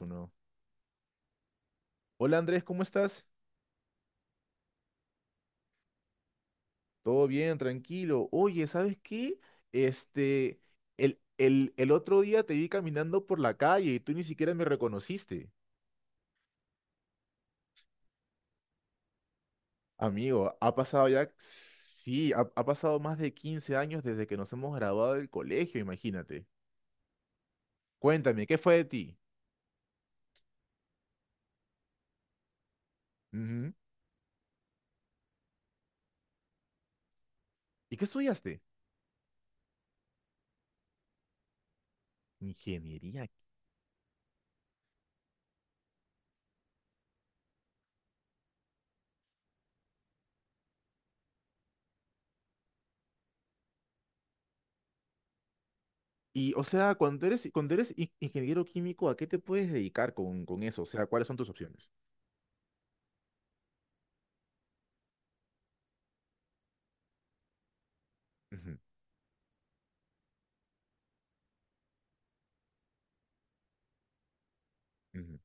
Uno. Hola Andrés, ¿cómo estás? Todo bien, tranquilo. Oye, ¿sabes qué? Este, el otro día te vi caminando por la calle y tú ni siquiera me reconociste. Amigo, ha pasado ya, sí, ha pasado más de 15 años desde que nos hemos graduado del colegio, imagínate. Cuéntame, ¿qué fue de ti? Ujú. ¿Y qué estudiaste? Ingeniería. Y, o sea, cuando eres ingeniero químico, ¿a qué te puedes dedicar con eso? O sea, ¿cuáles son tus opciones? Ujú, ujú,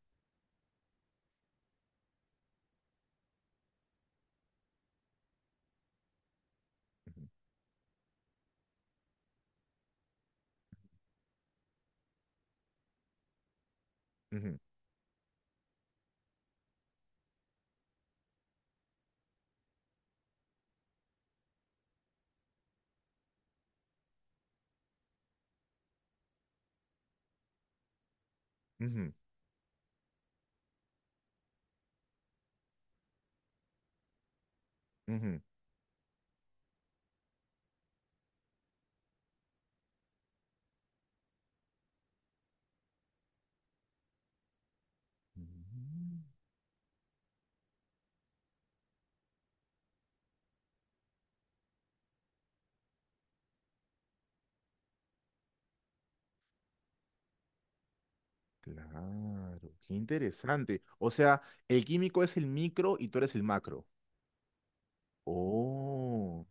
ujú, ujú, ujú. Ujú. Mm. Claro, qué interesante. O sea, el químico es el micro y tú eres el macro. Oh,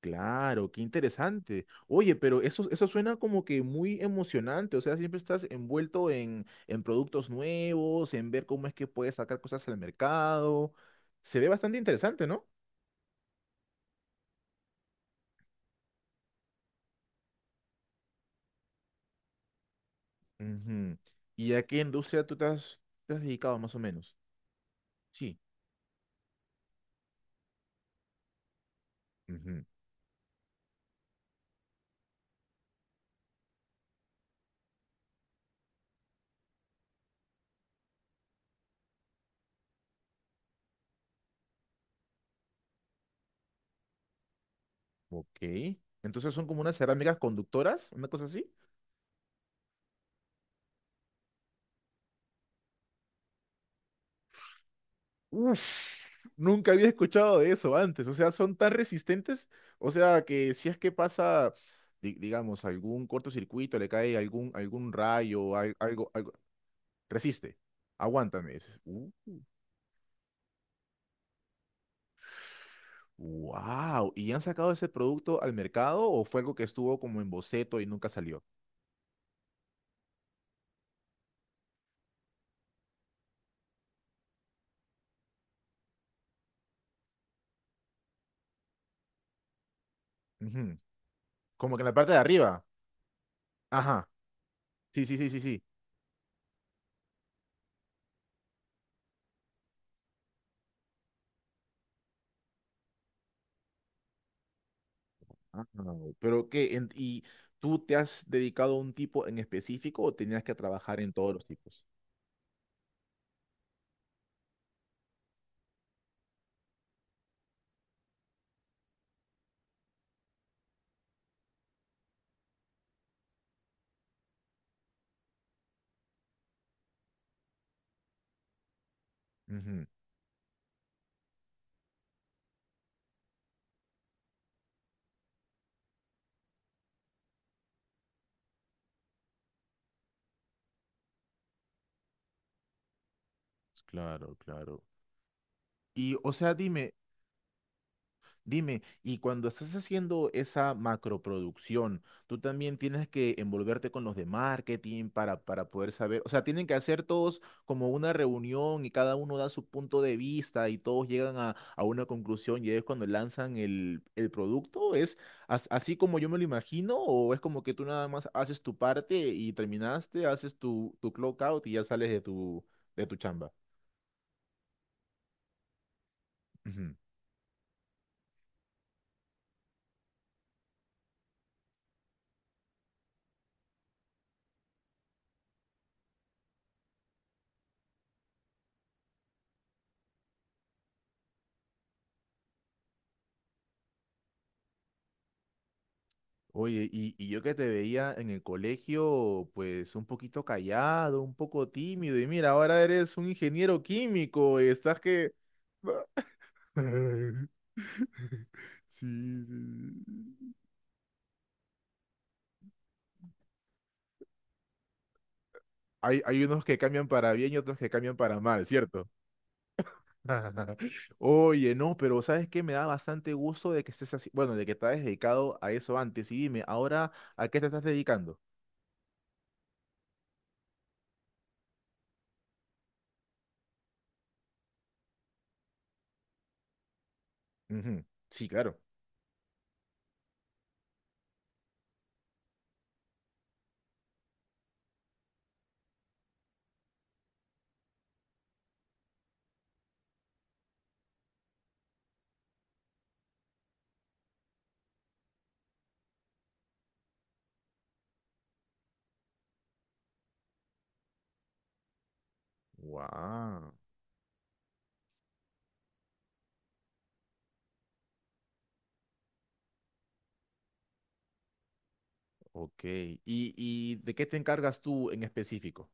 claro, qué interesante. Oye, pero eso suena como que muy emocionante. O sea, siempre estás envuelto en productos nuevos, en ver cómo es que puedes sacar cosas al mercado. Se ve bastante interesante, ¿no? Ujú. ¿Y a qué industria tú te has dedicado más o menos? Sí. Ok. Entonces son como unas cerámicas conductoras, una cosa así. Uf, nunca había escuchado de eso antes. O sea, son tan resistentes. O sea, que si es que pasa, digamos, algún, cortocircuito, le cae algún rayo, algo, algo, resiste. Aguántame. Wow. ¿Y han sacado ese producto al mercado o fue algo que estuvo como en boceto y nunca salió? Ujú. Como que en la parte de arriba. Ajá. Sí, sí, sí, sí, sí. Ah, no, pero qué. ¿Y tú te has dedicado a un tipo en específico o tenías que trabajar en todos los tipos? Ujú. Claro, claro. Y, o sea, dime, dime, y cuando estás haciendo esa macroproducción, tú también tienes que envolverte con los de marketing para poder saber, o sea, tienen que hacer todos como una reunión y cada uno da su punto de vista y todos llegan a una conclusión y es cuando lanzan el producto. ¿Es así como yo me lo imagino o es como que tú nada más haces tu parte y terminaste, haces tu clock out y ya sales de tu chamba? Oye, y yo que te veía en el colegio, pues un poquito callado, un poco tímido, y mira, ahora eres un ingeniero químico y estás que... Sí, sí, sí. Hay unos que cambian para bien y otros que cambian para mal, ¿cierto? Oye, no, pero ¿sabes qué? Me da bastante gusto de que estés así, bueno, de que te hayas dedicado a eso antes. Y dime, ahora, ¿a qué te estás dedicando? Ujú. Sí, claro. Wow. Ok. Y de qué te encargas tú en específico?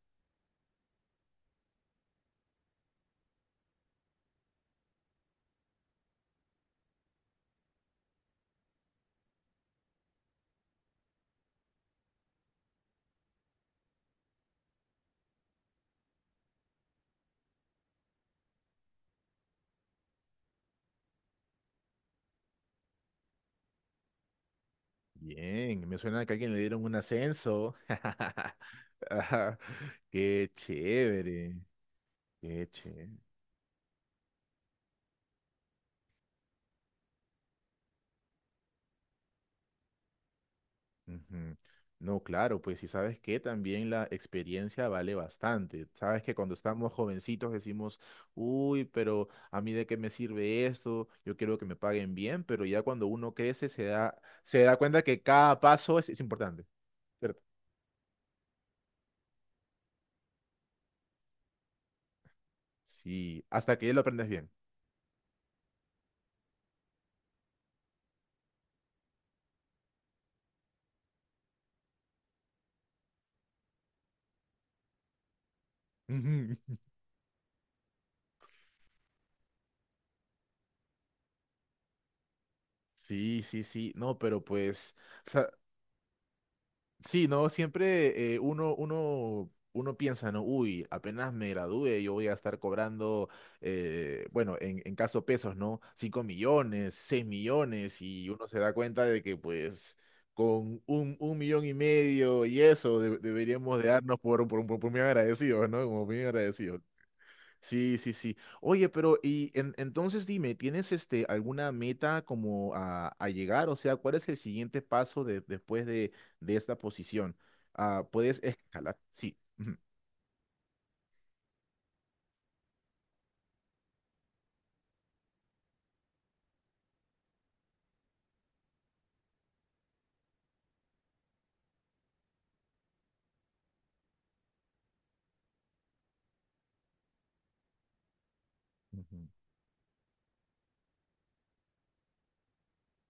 Bien, me suena que a alguien le dieron un ascenso. Ajá, qué chévere, qué chévere. Ujú. No, claro, pues si sabes que también la experiencia vale bastante. Sabes que cuando estamos jovencitos decimos, uy, pero a mí de qué me sirve esto, yo quiero que me paguen bien, pero ya cuando uno crece se da cuenta que cada paso es importante, ¿cierto? Sí, hasta que ya lo aprendes bien. Ujú. Sí, sí, sí, no, pero pues, o sea, sí, no, siempre uno piensa, no, uy, apenas me gradúe, yo voy a estar cobrando, bueno, en caso pesos, ¿no? 5 millones, 6 millones, y uno se da cuenta de que pues con un millón y medio y eso deberíamos de darnos por bien agradecidos, ¿no? Como bien agradecidos. Sí, sí, sí. Oye, pero y entonces dime, ¿tienes este alguna meta como a llegar? O sea, ¿cuál es el siguiente paso después de esta posición? Ah, ¿puedes escalar? Sí. Ujú, ujú,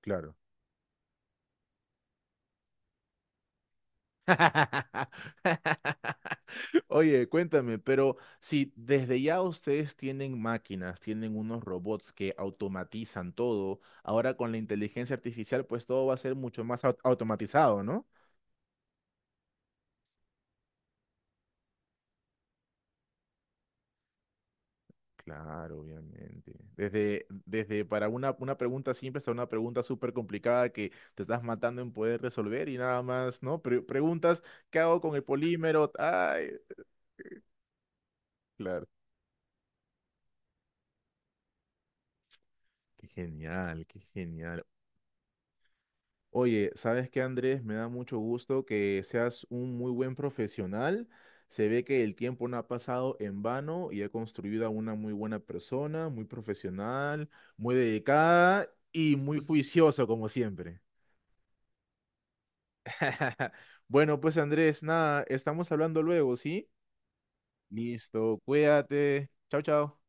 claro. Oye, cuéntame, pero si desde ya ustedes tienen máquinas, tienen unos robots que automatizan todo, ahora con la inteligencia artificial, pues todo va a ser mucho más automatizado, ¿no? Claro, obviamente. Desde, desde para una pregunta simple hasta una pregunta súper complicada que te estás matando en poder resolver y nada más, ¿no? Preguntas, ¿qué hago con el polímero? Ay, claro. Qué genial, qué genial. Oye, ¿sabes qué, Andrés? Me da mucho gusto que seas un muy buen profesional. Se ve que el tiempo no ha pasado en vano y ha construido a una muy buena persona, muy profesional, muy dedicada y muy juiciosa, como siempre. Bueno, pues Andrés, nada, estamos hablando luego, ¿sí? Listo, cuídate. Chao, chao.